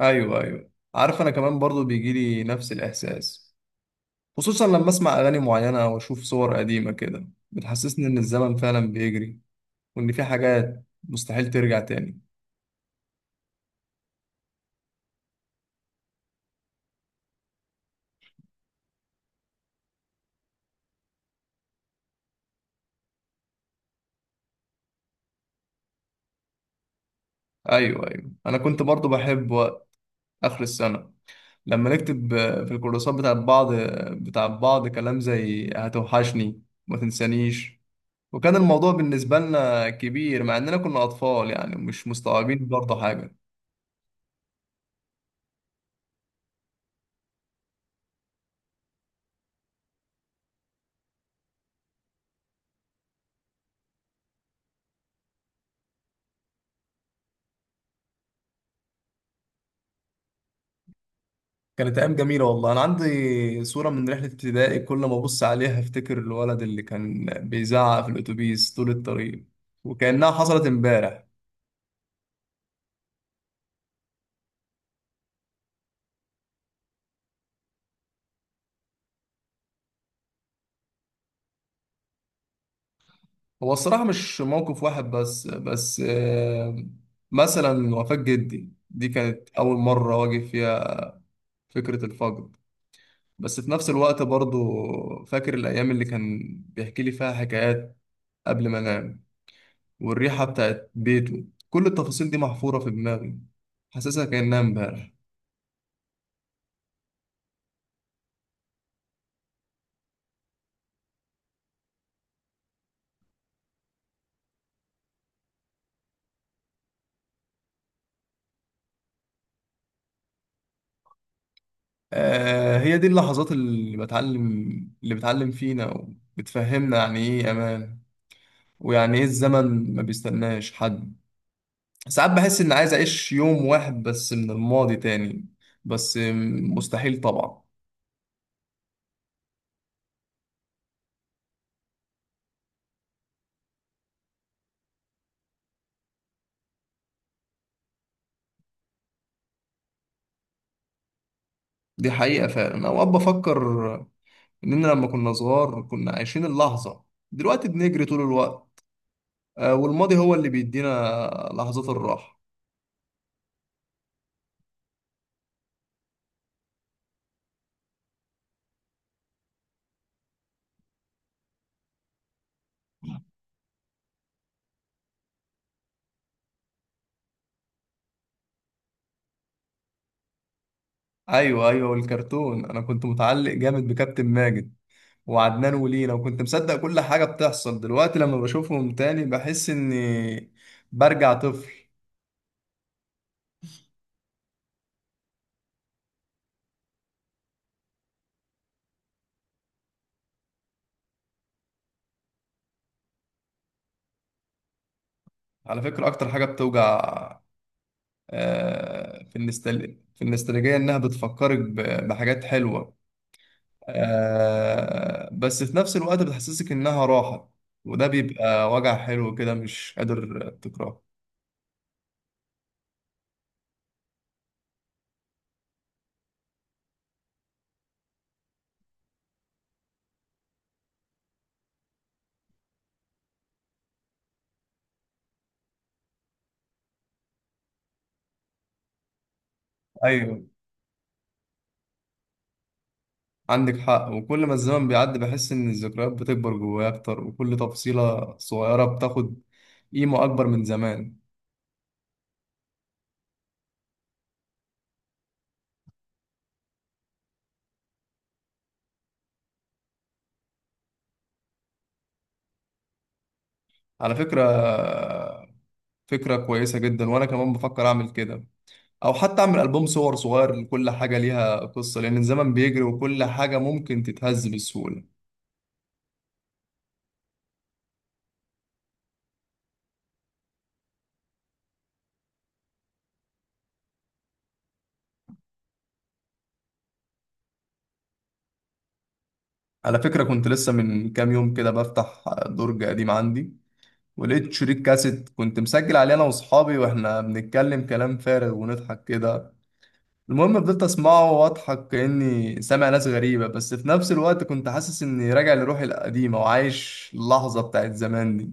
ايوه ايوه عارف، انا كمان برضو بيجي لي نفس الاحساس. خصوصا لما اسمع اغاني معينه او اشوف صور قديمه كده بتحسسني ان الزمن فعلا بيجري وان في حاجات مستحيل ترجع تاني. ايوه ايوه انا كنت برضو بحب وقت اخر السنه لما نكتب في الكورسات بتاعت بعض بتاع بعض كلام زي هتوحشني ما تنسانيش، وكان الموضوع بالنسبه لنا كبير مع اننا كنا اطفال يعني مش مستوعبين برضو حاجه. كانت أيام جميلة والله. أنا عندي صورة من رحلة ابتدائي كل ما أبص عليها أفتكر الولد اللي كان بيزعق في الأتوبيس طول الطريق وكأنها حصلت إمبارح. هو الصراحة مش موقف واحد بس، مثلا وفاة جدي دي كانت أول مرة واجه فيها فكرة الفقد. بس في نفس الوقت برضو فاكر الأيام اللي كان بيحكي لي فيها حكايات قبل ما أنام، والريحة بتاعت بيته، كل التفاصيل دي محفورة في دماغي حاسسها كأنها إمبارح. هي دي اللحظات اللي بتعلم، اللي بتعلم فينا وبتفهمنا يعني ايه امان ويعني ايه الزمن ما بيستناش حد. ساعات بحس اني عايز اعيش يوم واحد بس من الماضي تاني، بس مستحيل طبعا. دي حقيقة فعلا. اوقات بفكر اننا لما كنا صغار كنا عايشين اللحظة، دلوقتي بنجري طول الوقت والماضي هو اللي بيدينا لحظات الراحة. ايوه ايوه والكرتون، انا كنت متعلق جامد بكابتن ماجد وعدنان ولينا وكنت مصدق كل حاجة بتحصل. دلوقتي لما بشوفهم تاني بحس إني برجع طفل. على فكرة أكتر حاجة بتوجع في النستالجية إنها بتفكرك بحاجات حلوة. بس في نفس الوقت بتحسسك إنها راحة، وده بيبقى وجع حلو كده مش قادر تكرهه. أيوه عندك حق، وكل ما الزمن بيعدي بحس إن الذكريات بتكبر جوايا أكتر وكل تفصيلة صغيرة بتاخد قيمة أكبر من زمان. على فكرة، فكرة كويسة جدا وأنا كمان بفكر أعمل كده، أو حتى أعمل ألبوم صور صغير لكل حاجة ليها قصة لأن الزمن بيجري وكل حاجة ممكن تتهز بسهولة. على فكرة كنت لسه من كام يوم كده بفتح درج قديم عندي ولقيت شريط كاسيت كنت مسجل عليه أنا وأصحابي وإحنا بنتكلم كلام فارغ ونضحك كده. المهم فضلت أسمعه وأضحك كأني سامع ناس غريبة، بس في نفس الوقت كنت حاسس إني راجع لروحي القديمة وعايش اللحظة بتاعت زمان دي.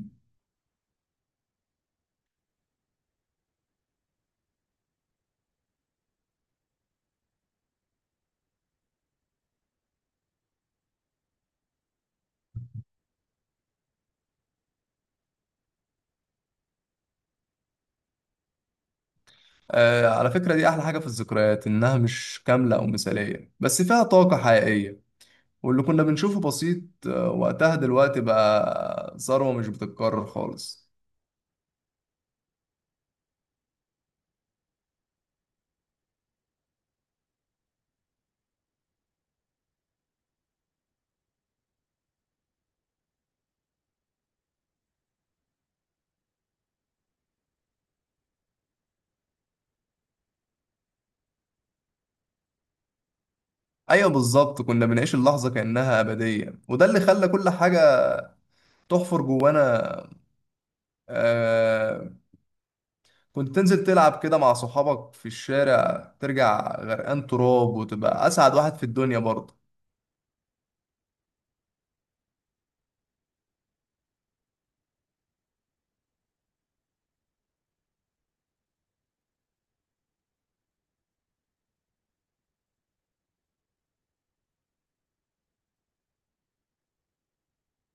على فكرة دي أحلى حاجة في الذكريات، إنها مش كاملة أو مثالية بس فيها طاقة حقيقية، واللي كنا بنشوفه بسيط وقتها دلوقتي بقى ثروة مش بتتكرر خالص. أيوة بالظبط، كنا بنعيش اللحظة كأنها أبدية وده اللي خلى كل حاجة تحفر جوانا. آه كنت تنزل تلعب كده مع صحابك في الشارع ترجع غرقان تراب وتبقى أسعد واحد في الدنيا برضه.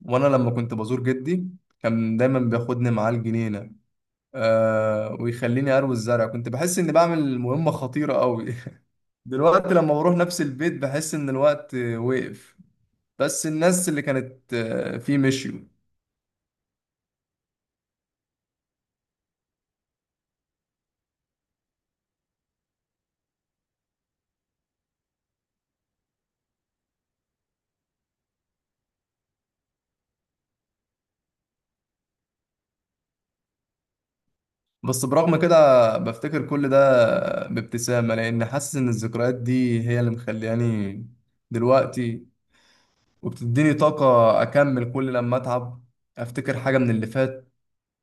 وأنا لما كنت بزور جدي كان دايما بياخدني معاه الجنينة ويخليني اروي الزرع، كنت بحس اني بعمل مهمة خطيرة قوي. دلوقتي لما بروح نفس البيت بحس ان الوقت وقف، بس الناس اللي كانت فيه مشيوا. بس برغم كده بفتكر كل ده بابتسامة، لأن حاسس إن الذكريات دي هي اللي مخلياني دلوقتي، وبتديني طاقة أكمل. كل لما أتعب أفتكر حاجة من اللي فات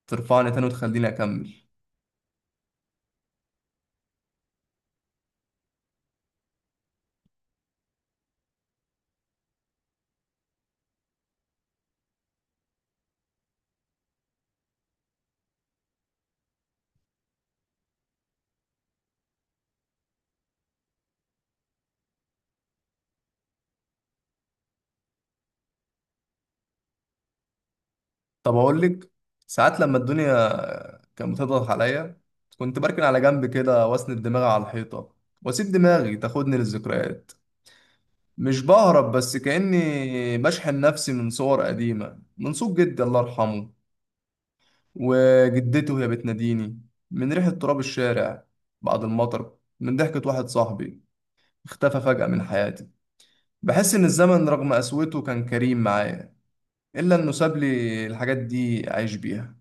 ترفعني تاني وتخليني أكمل. طب اقول لك، ساعات لما الدنيا كانت بتضغط عليا كنت بركن على جنب كده واسند دماغي على الحيطه واسيب دماغي تاخدني للذكريات. مش بهرب، بس كاني بشحن نفسي من صور قديمه، من صوت جدي الله يرحمه وجدته وهي بتناديني، من ريحه تراب الشارع بعد المطر، من ضحكه واحد صاحبي اختفى فجاه من حياتي. بحس ان الزمن رغم قسوته كان كريم معايا الا انه ساب لي الحاجات دي اعيش بيها.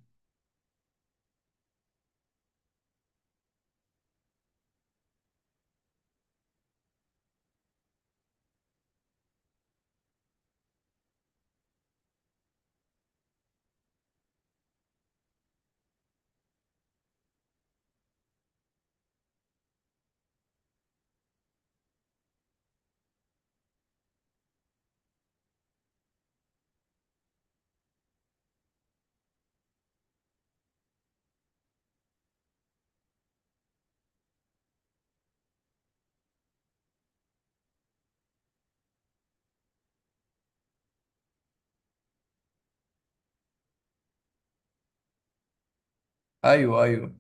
ايوه ايوه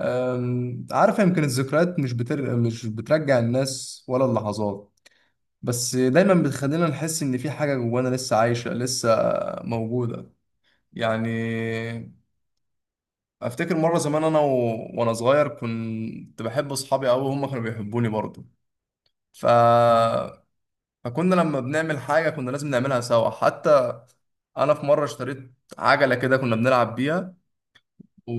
عارف، يمكن الذكريات مش بترجع الناس ولا اللحظات، بس دايما بتخلينا نحس ان في حاجة جوانا لسه عايشة لسه موجودة يعني. افتكر مرة زمان انا وانا صغير كنت بحب اصحابي قوي وهم كانوا بيحبوني برضه، ف... فكنا لما بنعمل حاجة كنا لازم نعملها سوا. حتى انا في مرة اشتريت عجلة كده كنا بنلعب بيها، و...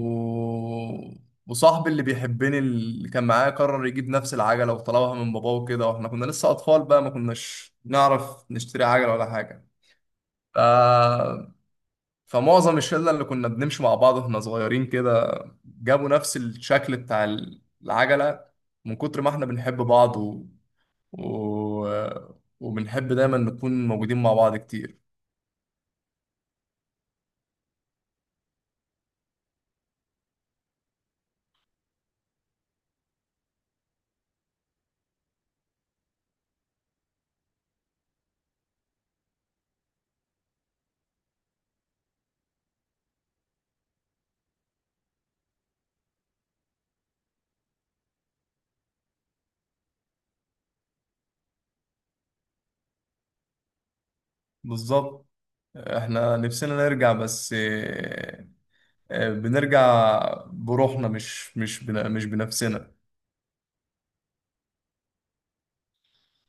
وصاحبي اللي بيحبني اللي كان معايا قرر يجيب نفس العجلة وطلبها من باباه وكده، واحنا كنا لسه أطفال بقى ما كناش نعرف نشتري عجلة ولا حاجة. ف... فمعظم الشلة اللي كنا بنمشي مع بعض واحنا صغيرين كده جابوا نفس الشكل بتاع العجلة، من كتر ما احنا بنحب بعض و... وبنحب دايما نكون موجودين مع بعض كتير. بالظبط احنا نفسنا نرجع، بس بنرجع بروحنا مش بنفسنا.